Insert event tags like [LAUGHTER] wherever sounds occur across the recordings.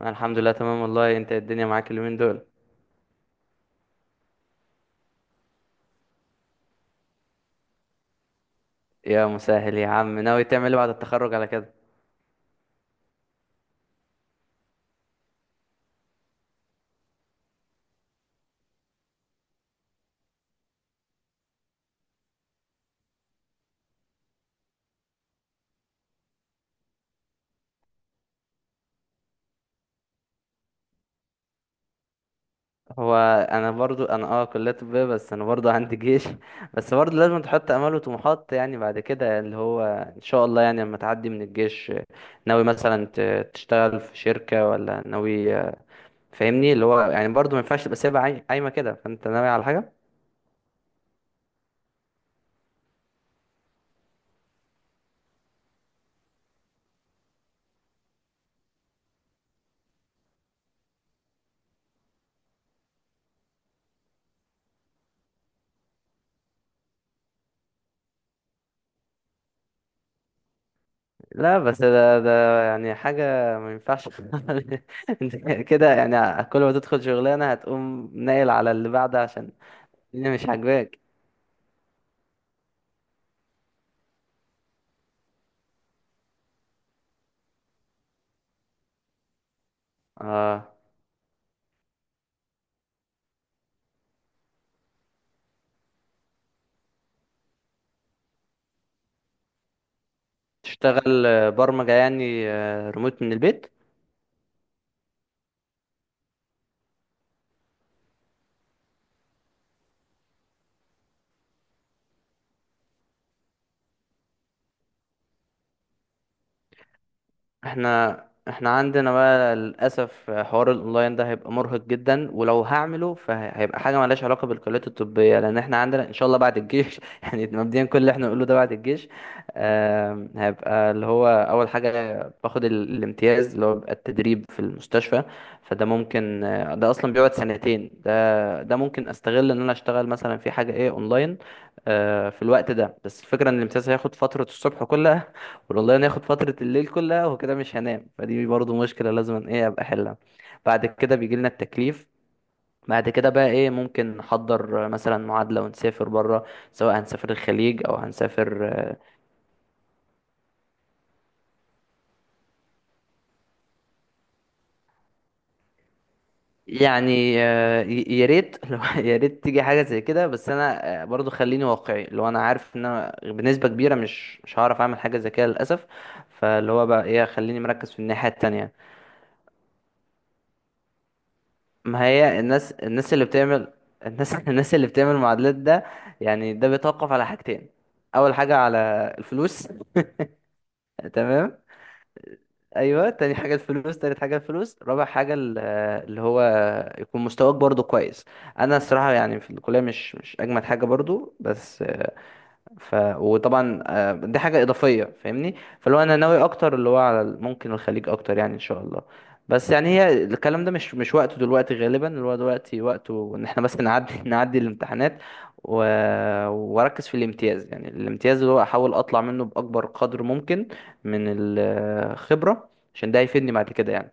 انا الحمد لله تمام، والله. انت الدنيا معاك اليومين دول؟ يا مسهل يا عم، ناوي تعمل ايه بعد التخرج على كده؟ هو انا برضو كلية طبية، بس انا برضو عندي جيش. [LAUGHS] بس برضو لازم تحط امال وطموحات، يعني بعد كده اللي هو ان شاء الله، يعني لما تعدي من الجيش، ناوي مثلا تشتغل في شركة، ولا ناوي؟ فاهمني، اللي هو يعني برضو ما ينفعش تبقى سايبها قايمة كده، فانت ناوي على حاجة. لا، بس ده يعني حاجة، ما ينفعش. [LAUGHS] انت كده يعني كل ما تدخل شغلانة هتقوم ناقل على اللي بعدها، عشان الدنيا مش عاجباك. اه، تشتغل برمجة، يعني ريموت من البيت. احنا احنا عندنا بقى للاسف حوار الاونلاين ده هيبقى مرهق جدا، ولو هعمله فهيبقى حاجه مالهاش علاقه بالكليات الطبيه، لان احنا عندنا ان شاء الله بعد الجيش. [LAUGHS] يعني مبدئيا، كل اللي احنا نقوله ده بعد الجيش. هيبقى اللي هو اول حاجه باخد الامتياز، اللي هو بيبقى التدريب في المستشفى. فده ممكن، ده اصلا بيقعد سنتين، ده ده ممكن استغل ان انا اشتغل مثلا في حاجه ايه اونلاين، في الوقت ده. بس الفكره ان الامتياز هياخد فتره الصبح كلها، والله ناخد فترة الليل كلها، وكده مش هنام، فدي برضو مشكلة لازم ايه ابقى احلها. بعد كده بيجي لنا التكليف، بعد كده بقى ايه ممكن نحضر مثلا معادلة ونسافر بره، سواء هنسافر الخليج او هنسافر. يعني يا ريت، [LAUGHS] لو يا ريت تيجي حاجة زي كده، بس انا برضو خليني واقعي، لو انا عارف ان انا بنسبة كبيرة مش هعرف اعمل حاجة زي كده للأسف. فاللي هو بقى ايه خليني مركز في الناحية التانية. ما هي الناس اللي بتعمل، الناس [LAUGHS] الناس اللي بتعمل معادلات ده، يعني ده بيتوقف على حاجتين. اول حاجه على الفلوس. تمام. ايوه، تاني حاجه الفلوس، تالت حاجه الفلوس، رابع حاجه اللي هو يكون مستواك برضو كويس. انا الصراحه يعني في الكليه مش اجمد حاجه برضو، بس وطبعا، دي حاجة إضافية، فاهمني. فاللي هو أنا ناوي أكتر اللي هو على ممكن الخليج أكتر، يعني إن شاء الله. بس يعني هي الكلام ده مش وقته دلوقتي، غالبا اللي هو دلوقتي وقته إن إحنا بس نعدي [LAUGHS] نعدي الامتحانات و... وأركز في الامتياز، يعني الامتياز اللي هو أحاول أطلع منه بأكبر قدر ممكن من الخبرة، عشان ده هيفيدني بعد كده يعني.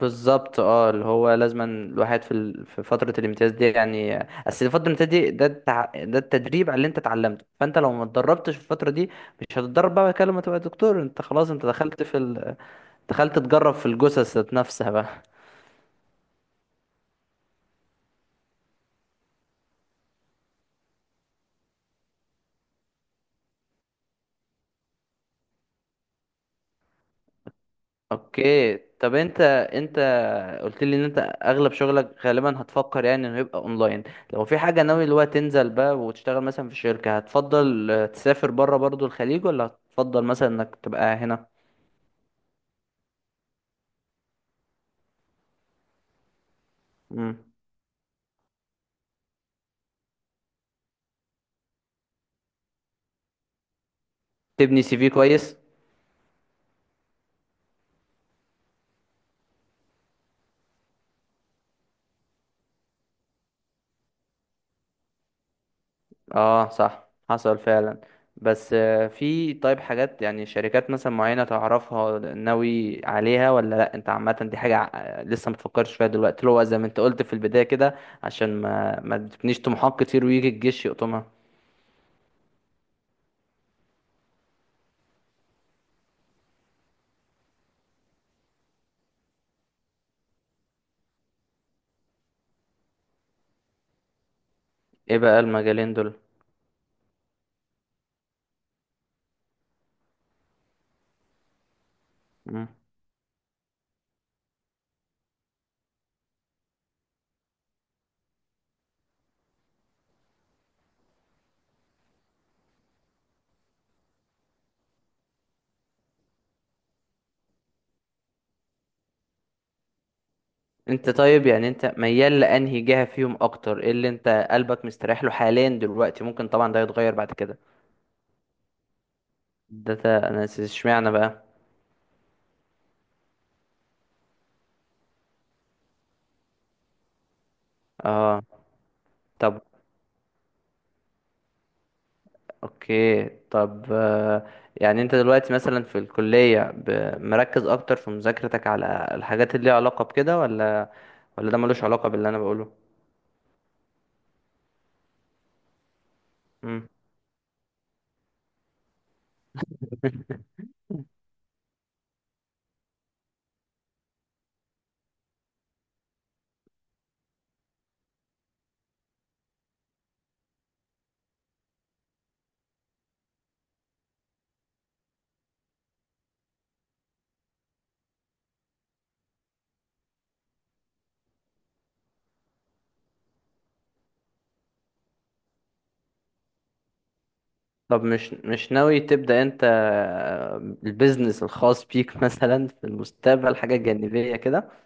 بالظبط، اه، اللي هو لازما الواحد في فترة الامتياز دي يعني، اصل فترة الامتياز دي ده التدريب على اللي انت اتعلمته، فانت لو ما اتدربتش في الفترة دي مش هتتدرب بقى كده لما تبقى دكتور. انت خلاص، انت دخلت تجرب في الجثث ذات نفسها بقى. [LAUGHS] اوكي، طب انت قلت لي ان انت اغلب شغلك غالبا هتفكر يعني انه يبقى اونلاين. لو في حاجة ناوي اللي هو تنزل بقى وتشتغل مثلا في شركة، هتفضل تسافر بره برضو الخليج، ولا هتفضل مثلا انك تبقى هنا؟ مم. تبني سي في كويس. اه صح، حصل فعلا. بس في طيب حاجات، يعني شركات مثلا معينة تعرفها ناوي عليها ولا لا؟ انت عامة دي حاجة لسه متفكرش فيها دلوقتي، اللي هو زي ما انت قلت في البداية كده، عشان ما تبنيش طموحات كتير ويجي الجيش يقطمها. ايه بقى المجالين دول؟ مم. انت طيب يعني انت ميال لانهي جهة فيهم اكتر؟ ايه اللي انت قلبك مستريح له حاليا دلوقتي؟ ممكن طبعا ده يتغير بعد كده. ده انا اشمعنى بقى. اه، طب اوكي. طب يعني انت دلوقتي مثلا في الكلية مركز اكتر في مذاكرتك على الحاجات اللي ليها علاقة بكده، ولا ده ملوش علاقة باللي انا بقوله؟ مم. طب مش ناوي تبدأ انت البيزنس الخاص بيك، [LAUGHS] مثلا في المستقبل، حاجة جانبية كده؟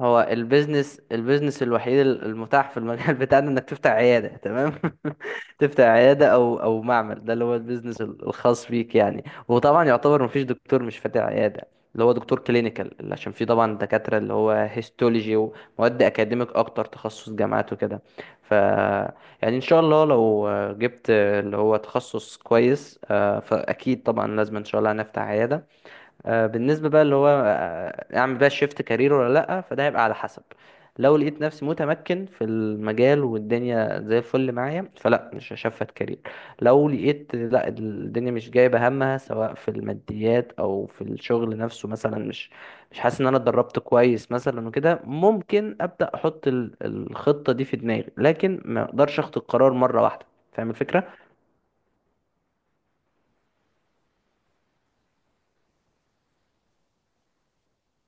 هو البيزنس الوحيد المتاح في المجال [LAUGHS] بتاعنا انك تفتح عيادة، تمام. [LAUGHS] تفتح عيادة او معمل، ده اللي هو البيزنس الخاص بيك يعني. وطبعا يعتبر مفيش دكتور مش فاتح عيادة، اللي هو دكتور كلينيكال، عشان في طبعا دكاترة اللي هو هيستولوجي ومواد اكاديميك اكتر، تخصص جامعات وكده. ف يعني ان شاء الله لو جبت اللي هو تخصص كويس، فاكيد طبعا لازم ان شاء الله هنفتح عيادة. بالنسبة بقى اللي هو أعمل بقى شيفت كارير ولا لأ، فده هيبقى على حسب. لو لقيت نفسي متمكن في المجال والدنيا زي الفل معايا، فلا، مش هشفت كارير. لو لقيت لا، الدنيا مش جايبة همها، سواء في الماديات أو في الشغل نفسه مثلا، مش حاسس إن أنا اتدربت كويس مثلا وكده، ممكن أبدأ أحط الخطة دي في دماغي، لكن ما أقدرش أخد القرار مرة واحدة. فاهم الفكرة؟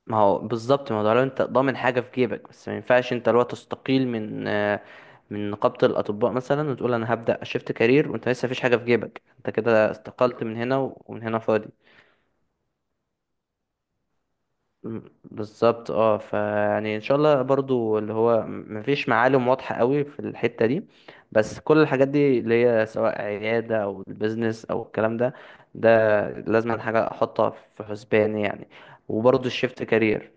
ما هو بالظبط، ما هو ده لو انت ضامن حاجه في جيبك. بس ما ينفعش انت لو تستقيل من من نقابه الاطباء مثلا وتقول انا هبدا اشفت كارير وانت لسه مفيش حاجه في جيبك، انت كده استقلت من هنا ومن هنا فاضي. بالظبط اه، فيعني ان شاء الله برضو اللي هو مفيش معالم واضحه قوي في الحته دي، بس كل الحاجات دي اللي هي سواء عياده او البيزنس او الكلام ده، ده لازم حاجه احطها في حسباني يعني، وبرضو الشيفت كارير.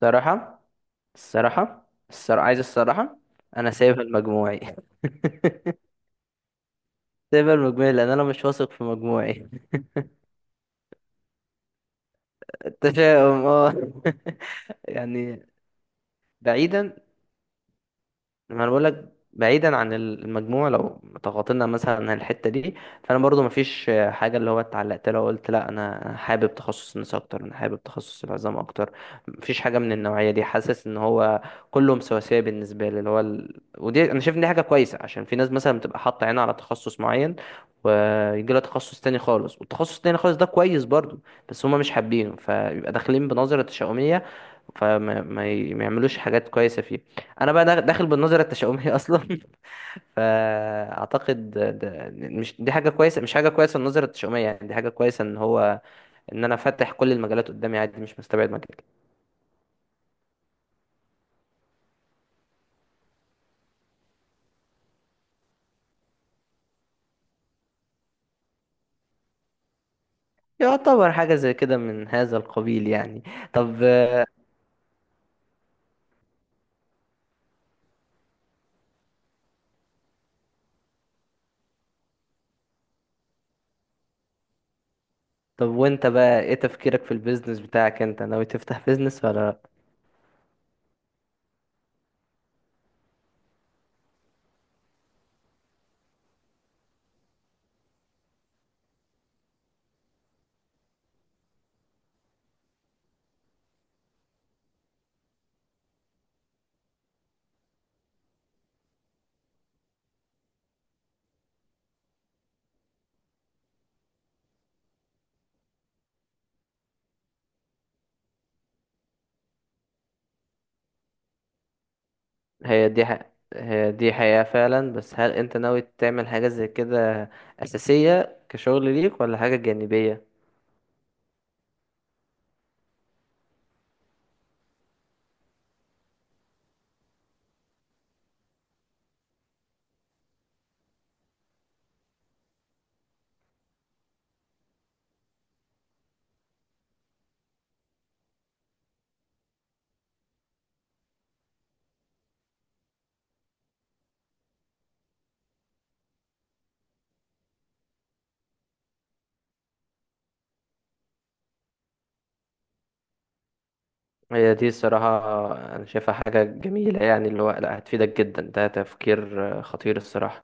صراحه الصراحة عايز الصراحة، أنا سايبها لمجموعي. [LAUGHS] سايبها لمجموعي لأن أنا مش واثق في مجموعي. التشاؤم، اه. [LAUGHS] يعني بعيدا ما انا بقول لك بعيدا عن المجموع، لو تغاطينا مثلا عن الحته دي، فانا برضو ما فيش حاجه اللي هو اتعلقت لها وقلت لا، انا حابب تخصص النساء اكتر، انا حابب تخصص العظام اكتر. ما فيش حاجه من النوعيه دي، حاسس ان هو كلهم سواسيه بالنسبه لي ودي انا شايف ان دي حاجه كويسه، عشان في ناس مثلا بتبقى حاطه عينها على تخصص معين، ويجي لها تخصص تاني خالص، والتخصص التاني خالص ده كويس برضو، بس هما مش حابينه، فيبقى داخلين بنظره تشاؤميه، فما ما ي- ما يعملوش حاجات كويسه فيه. انا بقى داخل بالنظره التشاؤميه اصلا. [LAUGHS] فاعتقد ده، مش دي حاجه كويسه، مش حاجه كويسه النظره التشاؤميه، يعني دي حاجه كويسه ان هو ان انا فاتح كل المجالات قدامي، عادي، مش مستبعد مجال. يعتبر حاجه زي كده من هذا القبيل يعني. طب طب وانت بقى ايه تفكيرك في البيزنس بتاعك؟ انت ناوي تفتح بيزنس ولا لأ؟ هي دي ح... هي دي حقيقه فعلا، بس هل انت ناوي تعمل حاجه زي كده اساسيه كشغل ليك، ولا حاجه جانبيه؟ هي دي الصراحة. أنا شايفها حاجة جميلة، يعني اللي هو لا، هتفيدك جدا، ده تفكير خطير الصراحة.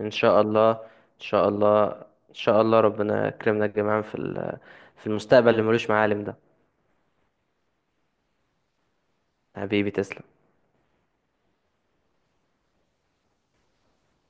إن شاء الله. إن شاء الله. إن شاء الله ربنا يكرمنا جميعا في المستقبل اللي ملوش معالم ده. حبيبي تسلم.